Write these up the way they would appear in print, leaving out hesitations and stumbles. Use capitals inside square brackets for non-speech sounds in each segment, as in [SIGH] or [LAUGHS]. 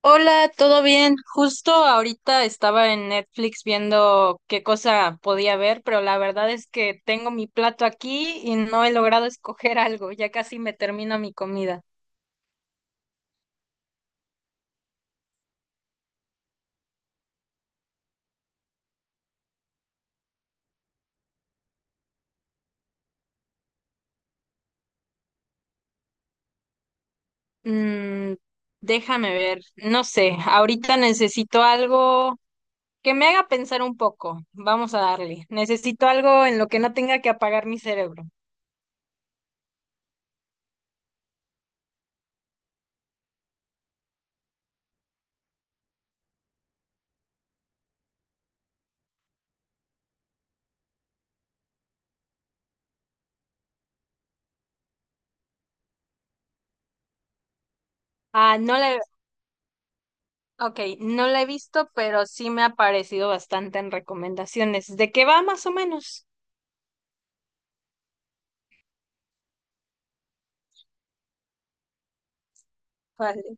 Hola, ¿todo bien? Justo ahorita estaba en Netflix viendo qué cosa podía ver, pero la verdad es que tengo mi plato aquí y no he logrado [LAUGHS] escoger algo, ya casi me termino mi comida. Mm, Déjame ver, no sé, ahorita necesito algo que me haga pensar un poco. Vamos a darle. Necesito algo en lo que no tenga que apagar mi cerebro. Ah, ok, no la he visto, pero sí me ha parecido bastante en recomendaciones. ¿De qué va más o menos? Vale.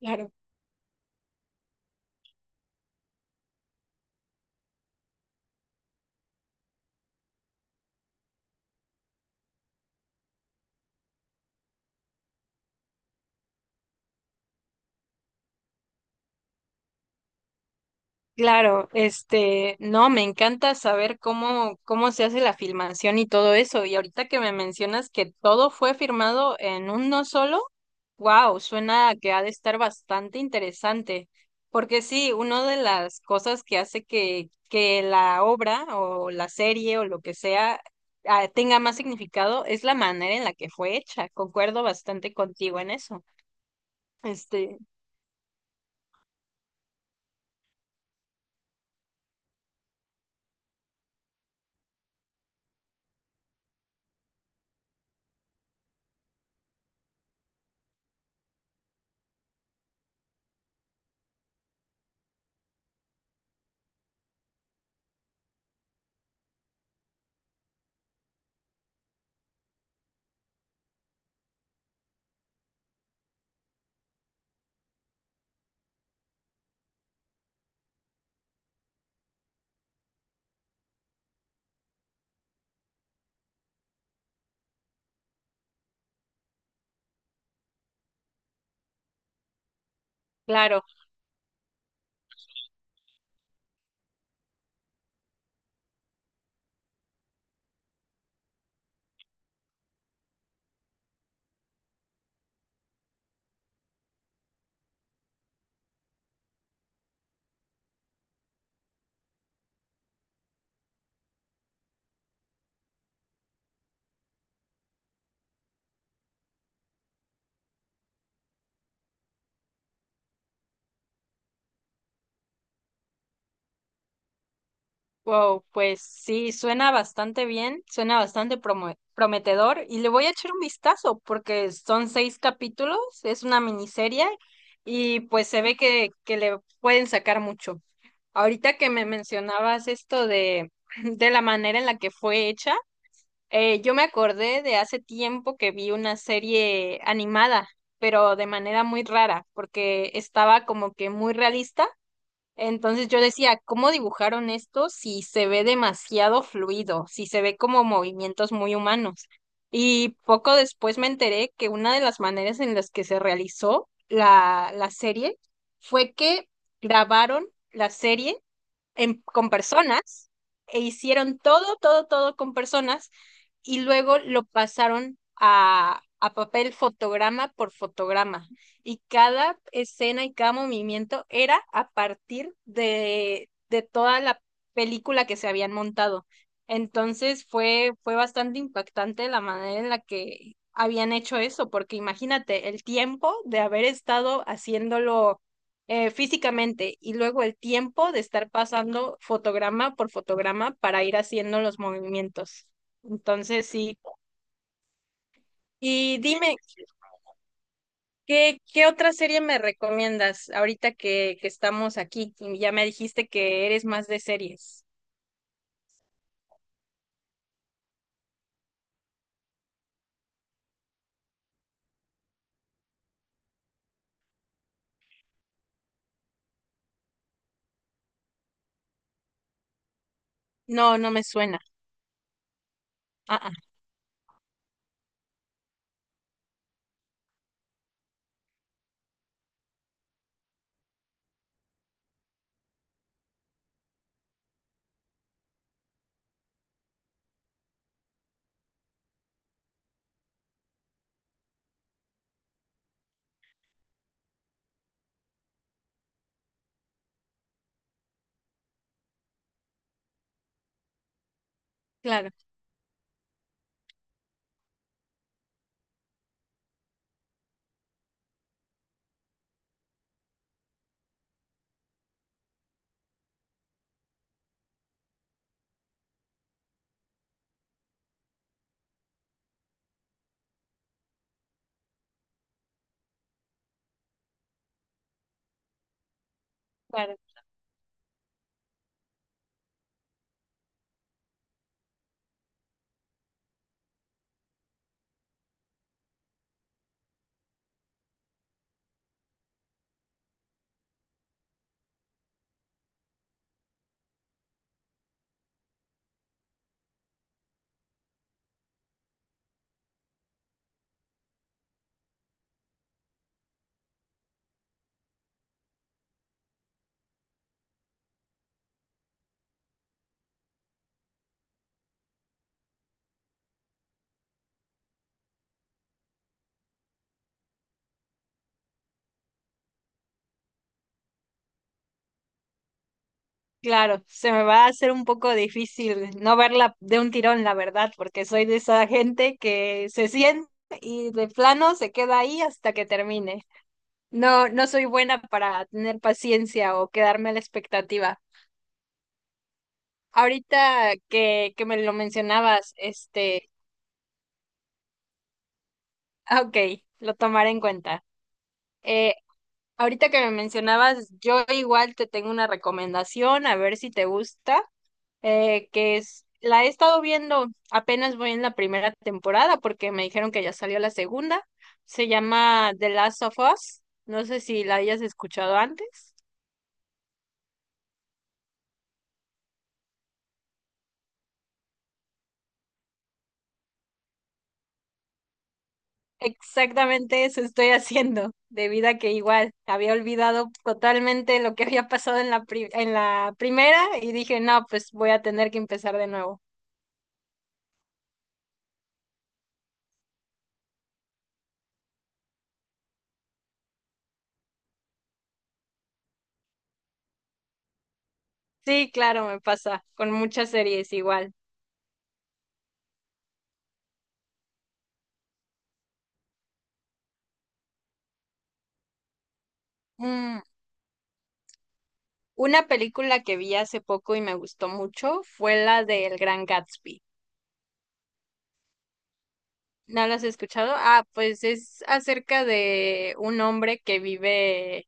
Claro, claro, este, no, me encanta saber cómo se hace la filmación y todo eso. Y ahorita que me mencionas que todo fue firmado en uno solo, wow, suena a que ha de estar bastante interesante. Porque sí, una de las cosas que hace que la obra o la serie o lo que sea tenga más significado es la manera en la que fue hecha. Concuerdo bastante contigo en eso. Este, claro. Wow, pues sí, suena bastante bien, suena bastante prometedor y le voy a echar un vistazo porque son seis capítulos, es una miniserie y pues se ve que le pueden sacar mucho. Ahorita que me mencionabas esto de, [LAUGHS] de la manera en la que fue hecha, yo me acordé de hace tiempo que vi una serie animada, pero de manera muy rara porque estaba como que muy realista. Entonces yo decía, ¿cómo dibujaron esto si se ve demasiado fluido, si se ve como movimientos muy humanos? Y poco después me enteré que una de las maneras en las que se realizó la serie fue que grabaron la serie con personas e hicieron todo, todo, todo con personas y luego lo pasaron a papel fotograma por fotograma. Y cada escena y cada movimiento era a partir de toda la película que se habían montado. Entonces fue bastante impactante la manera en la que habían hecho eso, porque imagínate el tiempo de haber estado haciéndolo físicamente y luego el tiempo de estar pasando fotograma por fotograma para ir haciendo los movimientos. Entonces, sí. Y dime, ¿qué otra serie me recomiendas ahorita que estamos aquí? Y ya me dijiste que eres más de series. No, no me suena. Ah, ah, claro, claro, claro. Se me va a hacer un poco difícil no verla de un tirón, la verdad, porque soy de esa gente que se siente y de plano se queda ahí hasta que termine. No, no soy buena para tener paciencia o quedarme a la expectativa. Ahorita que me lo mencionabas, este, [LAUGHS] ah, ok, lo tomaré en cuenta. Eh, Ahorita que me mencionabas, yo igual te tengo una recomendación, a ver si te gusta, que es, la he estado viendo, apenas voy en la primera temporada porque me dijeron que ya salió la segunda. Se llama The Last of Us. No sé si la hayas escuchado antes. Exactamente eso estoy haciendo, debido a que igual había olvidado totalmente lo que había pasado en la en la primera y dije, no, pues voy a tener que empezar de nuevo. Sí, claro, me pasa con muchas series igual. Mm, Una película que vi hace poco y me gustó mucho fue la de El Gran Gatsby. ¿No la has escuchado? Ah, pues es acerca de un hombre que vive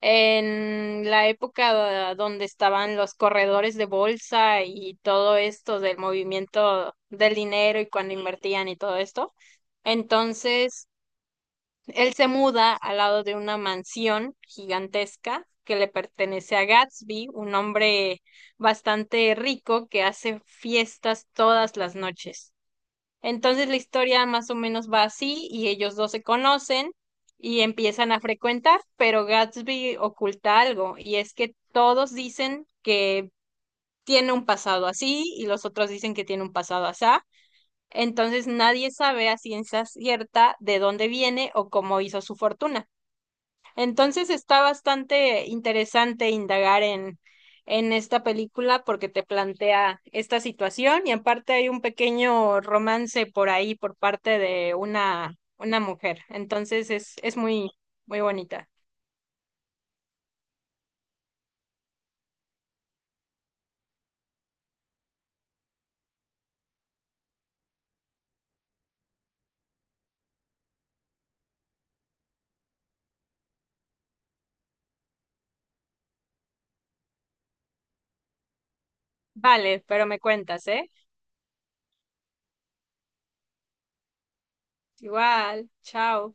en la época donde estaban los corredores de bolsa y todo esto del movimiento del dinero y cuando invertían y todo esto. Entonces, él se muda al lado de una mansión gigantesca que le pertenece a Gatsby, un hombre bastante rico que hace fiestas todas las noches. Entonces la historia más o menos va así y ellos dos se conocen y empiezan a frecuentar, pero Gatsby oculta algo y es que todos dicen que tiene un pasado así y los otros dicen que tiene un pasado asá. Entonces nadie sabe a ciencia cierta de dónde viene o cómo hizo su fortuna. Entonces está bastante interesante indagar en esta película porque te plantea esta situación y aparte hay un pequeño romance por ahí por parte de una mujer. Entonces es muy, muy bonita. Vale, pero me cuentas, ¿eh? Igual, chao.